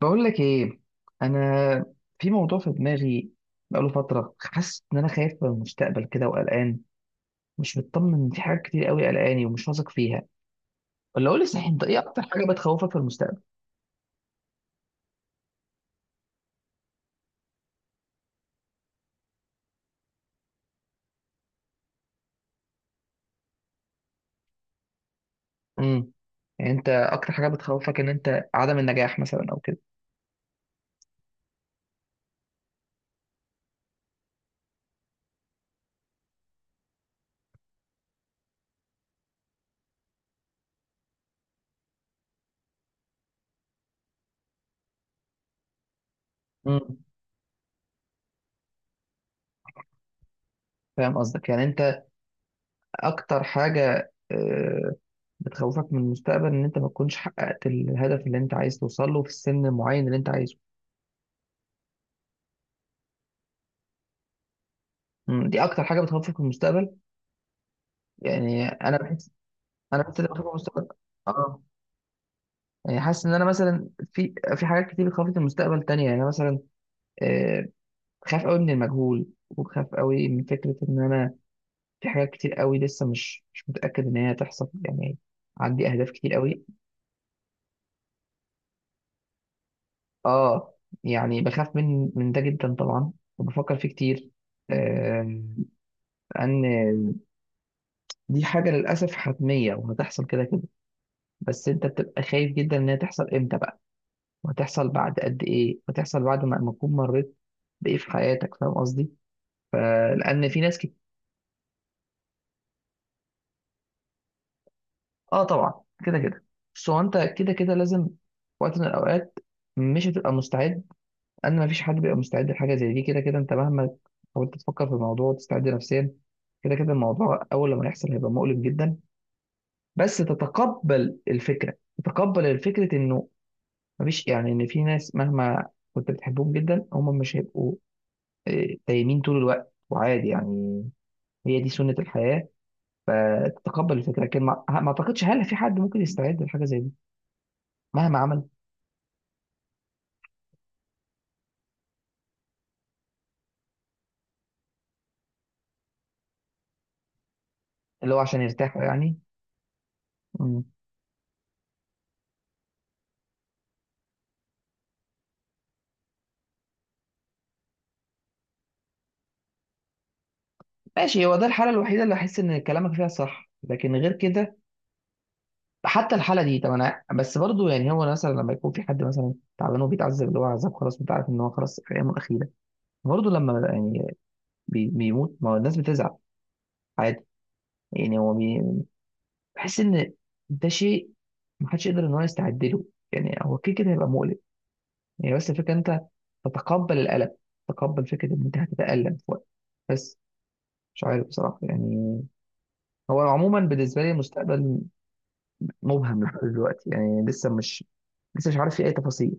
بقول لك ايه، انا في موضوع في دماغي بقاله فتره. حاسس ان انا خايف من المستقبل كده وقلقان. مش مطمن في حاجات كتير قوي، قلقاني ومش واثق فيها. ولا قول لي صحيح، انت ايه اكتر حاجه بتخوفك في المستقبل؟ امم يعني انت اكتر حاجه بتخوفك ان انت عدم النجاح مثلا او كده؟ امم فاهم قصدك. يعني انت اكتر حاجه بتخوفك من المستقبل ان انت ما تكونش حققت الهدف اللي انت عايز توصل له في السن المعين اللي انت عايزه. دي اكتر حاجه بتخوفك في المستقبل. يعني انا بحس، انا حاسس ان أنا بخاف من المستقبل. اه. يعني حاسس ان انا مثلا في حاجات كتير بتخوفني في المستقبل تانية. يعني أنا مثلا آه، بخاف قوي من المجهول، وبخاف قوي من فكرة ان انا في حاجات كتير قوي لسه مش متأكد ان هي هتحصل يعني. عندي اهداف كتير قوي. اه، يعني بخاف من ده جدا طبعا، وبفكر فيه كتير. آه، ان دي حاجة للأسف حتمية وهتحصل كده كده. بس انت بتبقى خايف جدا ان هي تحصل امتى بقى، وهتحصل بعد قد ايه، وهتحصل بعد ما تكون مريت بايه في حياتك. فاهم قصدي؟ فلان في ناس كده. اه طبعا، كده كده. بس هو انت كده كده لازم في وقت من الاوقات مش هتبقى مستعد. ان ما فيش حد بيبقى مستعد لحاجه زي دي، كده كده انت مهما حاولت تفكر في الموضوع وتستعد نفسيا، كده كده الموضوع اول لما يحصل هيبقى مؤلم جدا. بس تتقبل الفكره، تتقبل الفكره انه مفيش، يعني ان في ناس مهما كنت بتحبهم جدا هم مش هيبقوا دايمين طول الوقت، وعادي يعني. هي دي سنة الحياة. فتتقبل الفكرة، لكن ما أعتقدش هل في حد ممكن يستعد لحاجة زي دي مهما عمل. اللي هو عشان يرتاح يعني. مم. ماشي، هو ده الحالة الوحيدة اللي أحس إن كلامك فيها صح، لكن غير كده، حتى الحالة دي، طب أنا بس برضو، يعني هو مثلا لما يكون في حد مثلا تعبان وبيتعذب اللي هو عذاب خلاص، أنت عارف إن هو خلاص في أيامه الأخيرة، برضو لما يعني بيموت، ما هو الناس بتزعل، عادي. يعني هو بحس إن ده شيء محدش يقدر إن هو يستعد له. يعني هو كده كده هيبقى مؤلم. يعني بس الفكرة إن أنت تتقبل الألم، تتقبل فكرة إن أنت هتتألم في وقت. بس مش عارف بصراحة يعني. هو عموما بالنسبة لي المستقبل مبهم لحد دلوقتي، يعني لسه مش عارف في أي تفاصيل.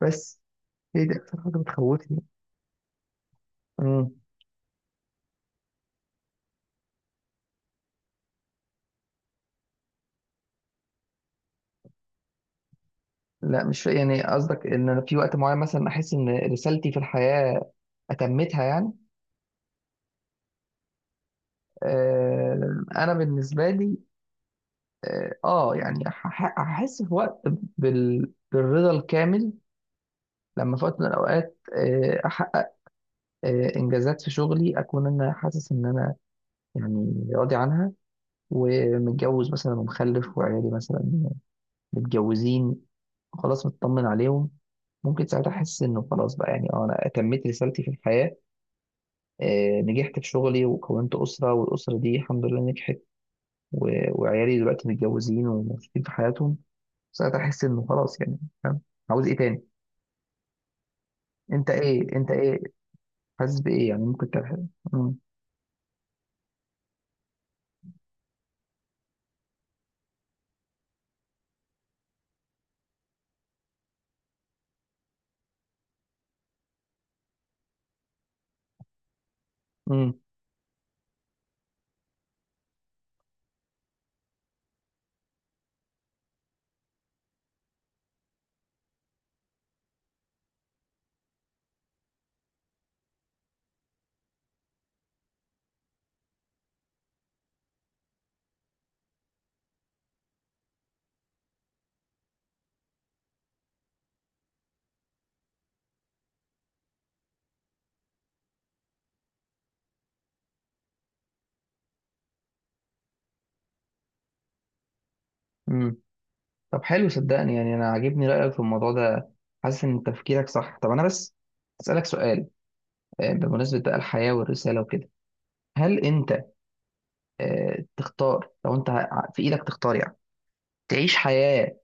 بس هي دي أكتر حاجة بتخوفني. امم لا، مش فا- يعني قصدك إن أنا في وقت معين مثلا أحس إن رسالتي في الحياة أتمتها، يعني. آه، أنا بالنسبة لي، يعني أحس في وقت بالرضا الكامل. لما في وقت من الأوقات احقق انجازات في شغلي، اكون انا حاسس ان انا يعني راضي عنها، ومتجوز مثلا ومخلف، وعيالي مثلا متجوزين خلاص، مطمن عليهم. ممكن ساعتها احس انه خلاص بقى، يعني انا اتميت رسالتي في الحياه. نجحت في شغلي وكونت اسره، والاسره دي الحمد لله نجحت، وعيالي دلوقتي متجوزين ومبسوطين في حياتهم. ساعتها احس انه خلاص، يعني. فاهم؟ عاوز ايه تاني؟ انت ايه، انت ايه، حاسس بايه، يعني ممكن تحس؟ امم امم طب حلو، صدقني يعني، انا عاجبني رايك في الموضوع ده. حاسس ان تفكيرك صح. طب انا بس اسالك سؤال، بمناسبه بقى الحياه والرساله وكده، هل انت تختار لو انت في ايدك تختار، يعني تعيش حياه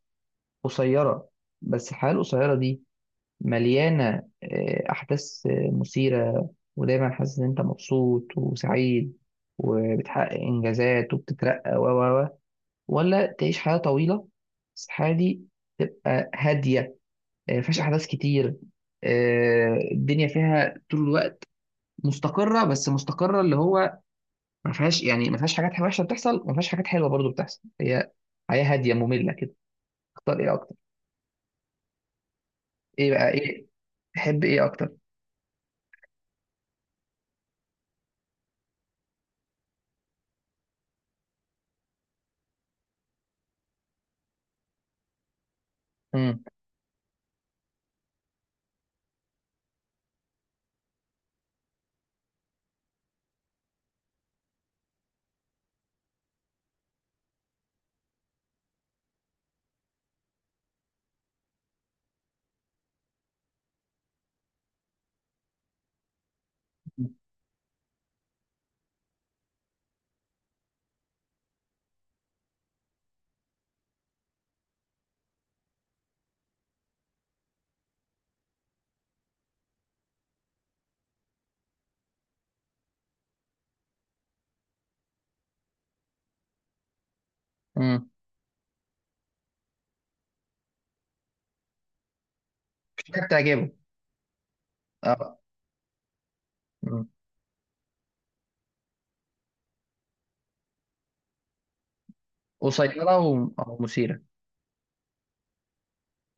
قصيره، بس الحياه القصيره دي مليانه احداث مثيره، ودايما حاسس ان انت مبسوط وسعيد، وبتحقق انجازات وبتترقى و و و ولا تعيش حياه طويله، بس الحياه دي تبقى هاديه، مفيهاش احداث كتير، الدنيا فيها طول الوقت مستقره، بس مستقره اللي هو ما فيهاش، يعني ما فيهاش حاجات وحشه بتحصل، وما فيهاش حاجات حلوه برضو بتحصل، هي حياه هاديه ممله كده. اختار ايه اكتر؟ ايه بقى، ايه تحب ايه اكتر؟ امم امم مش حاجه بتعجبه. اه. مم. قصيره او مثيره.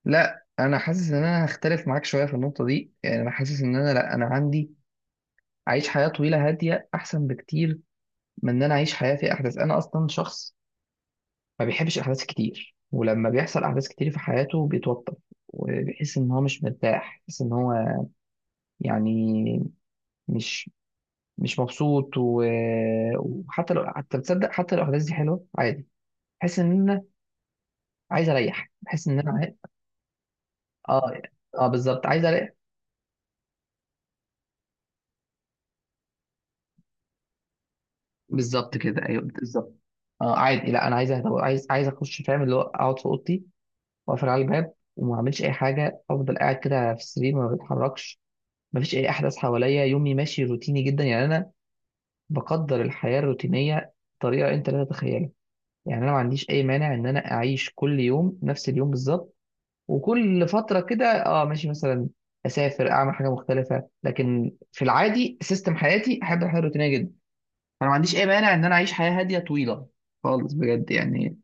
لا، انا حاسس ان انا هختلف معاك شويه في النقطه دي، يعني انا حاسس ان انا، لا انا عندي اعيش حياه طويله هاديه احسن بكتير من ان انا اعيش حياه فيها احداث. انا اصلا شخص ما بيحبش احداث كتير، ولما بيحصل احداث كتير في حياته بيتوتر وبيحس ان هو مش مرتاح، بيحس ان هو يعني مش مش مبسوط، وحتى لو، حتى تصدق، حتى لو الاحداث دي حلوه عادي، بحس ان انا عايز اريح، بحس ان انا اه. اه بالظبط، عايز اريح. بالظبط كده، ايوه بالظبط. اه عادي، لا انا عايز اهدى، عايز عايز اخش، فاهم اللي هو اقعد في اوضتي واقفل على الباب وما اعملش اي حاجه، افضل قاعد كده في السرير ما بتحركش، مفيش اي احداث حواليا، يومي ماشي روتيني جدا. يعني انا بقدر الحياة الروتينية بطريقة أنت لا تتخيلها. يعني أنا ما عنديش أي مانع إن أنا أعيش كل يوم نفس اليوم بالظبط، وكل فترة كده أه ماشي مثلا أسافر أعمل حاجة مختلفة، لكن في العادي سيستم حياتي أحب الحياة الروتينية جدا. أنا ما عنديش أي مانع إن أنا أعيش حياة هادية طويلة خالص، بجد يعني.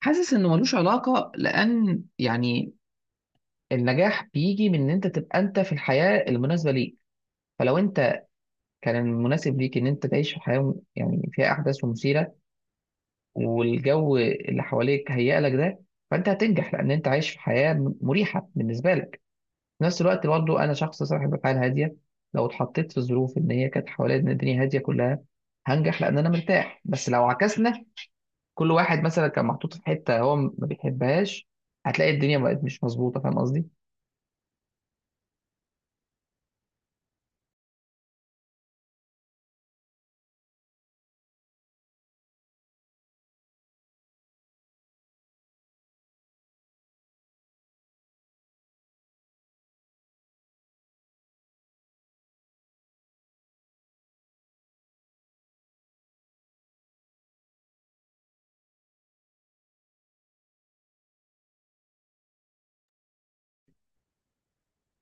حاسس إنه ملوش علاقة، لأن يعني النجاح بيجي من إن أنت تبقى أنت في الحياة المناسبة ليك. فلو أنت كان المناسب ليك إن أنت تعيش في حياة يعني فيها أحداث ومثيرة، والجو اللي حواليك هيئ لك ده، فانت هتنجح لان انت عايش في حياه مريحه بالنسبه لك. في نفس الوقت برضه، انا شخص صاحب افعال هاديه، لو اتحطيت في ظروف ان هي كانت حواليا ان الدنيا هاديه كلها، هنجح لان انا مرتاح. بس لو عكسنا، كل واحد مثلا كان محطوط في حته هو ما بيحبهاش، هتلاقي الدنيا بقت مش مظبوطه. فاهم قصدي؟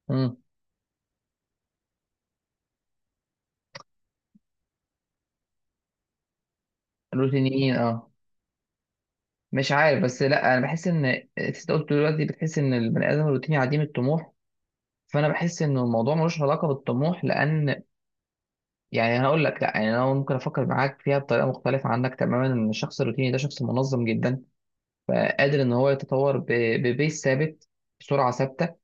امم الروتينيين، اه. مش عارف، بس لا، انا بحس ان انت قلت دلوقتي بتحس ان البني ادم الروتيني عديم الطموح، فانا بحس ان الموضوع ملوش علاقه بالطموح، لان يعني انا اقول لك لا، يعني انا ممكن افكر معاك فيها بطريقه مختلفه عنك تماما، ان الشخص الروتيني ده شخص منظم جدا، فقادر ان هو يتطور ببيس ثابت، بسرعه ثابته،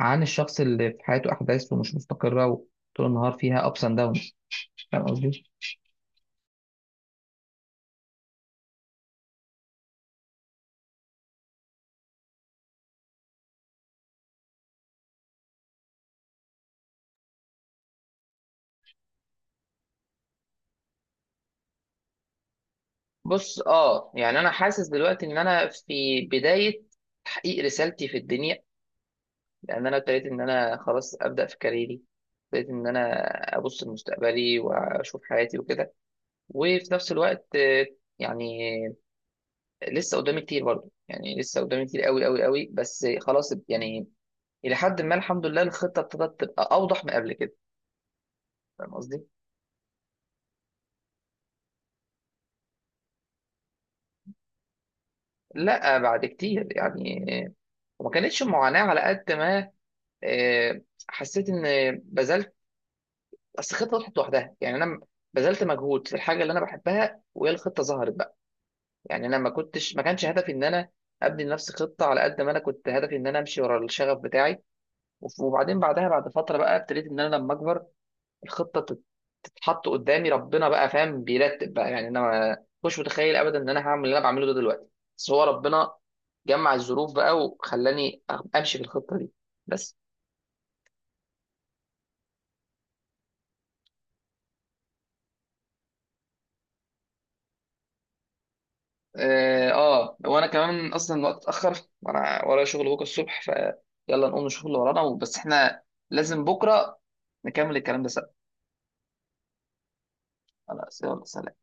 عن الشخص اللي في حياته احداث ومش مستقره وطول النهار فيها ابس اند داونز. فاهم قصدي؟ بص، اه يعني انا حاسس دلوقتي ان انا في بدايه تحقيق رسالتي في الدنيا، لان انا ابتديت ان انا خلاص ابدا في كاريري، ابتديت ان انا ابص لمستقبلي واشوف حياتي وكده. وفي نفس الوقت يعني لسه قدامي كتير برضه، يعني لسه قدامي كتير قوي قوي قوي، بس خلاص يعني الى حد ما الحمد لله الخطه ابتدت تبقى اوضح من قبل كده. فاهم قصدي؟ لا، بعد كتير يعني، وما كانتش معاناه على قد ما آه، حسيت ان بذلت. اصل الخطه طلعت لوحدها، يعني انا بذلت مجهود في الحاجه اللي انا بحبها وهي الخطه ظهرت بقى. يعني انا ما كانش هدفي ان انا ابني لنفسي خطه على قد ما انا كنت هدفي ان انا امشي ورا الشغف بتاعي. وبعدين بعدها بعد فتره بقى ابتديت ان انا لما اكبر الخطه تتحط قدامي. ربنا بقى، فاهم، بيرتب بقى، يعني انا ما مش متخيل ابدا ان انا هعمل اللي انا بعمله ده دلوقتي. بس هو ربنا جمع الظروف بقى وخلاني امشي في الخطه دي. بس اه، وانا كمان اصلا الوقت اتاخر، وانا ورايا شغل بكره الصبح. فيلا نقوم نشوف اللي ورانا، بس احنا لازم بكره نكمل الكلام ده سوا. خلاص يلا سلام.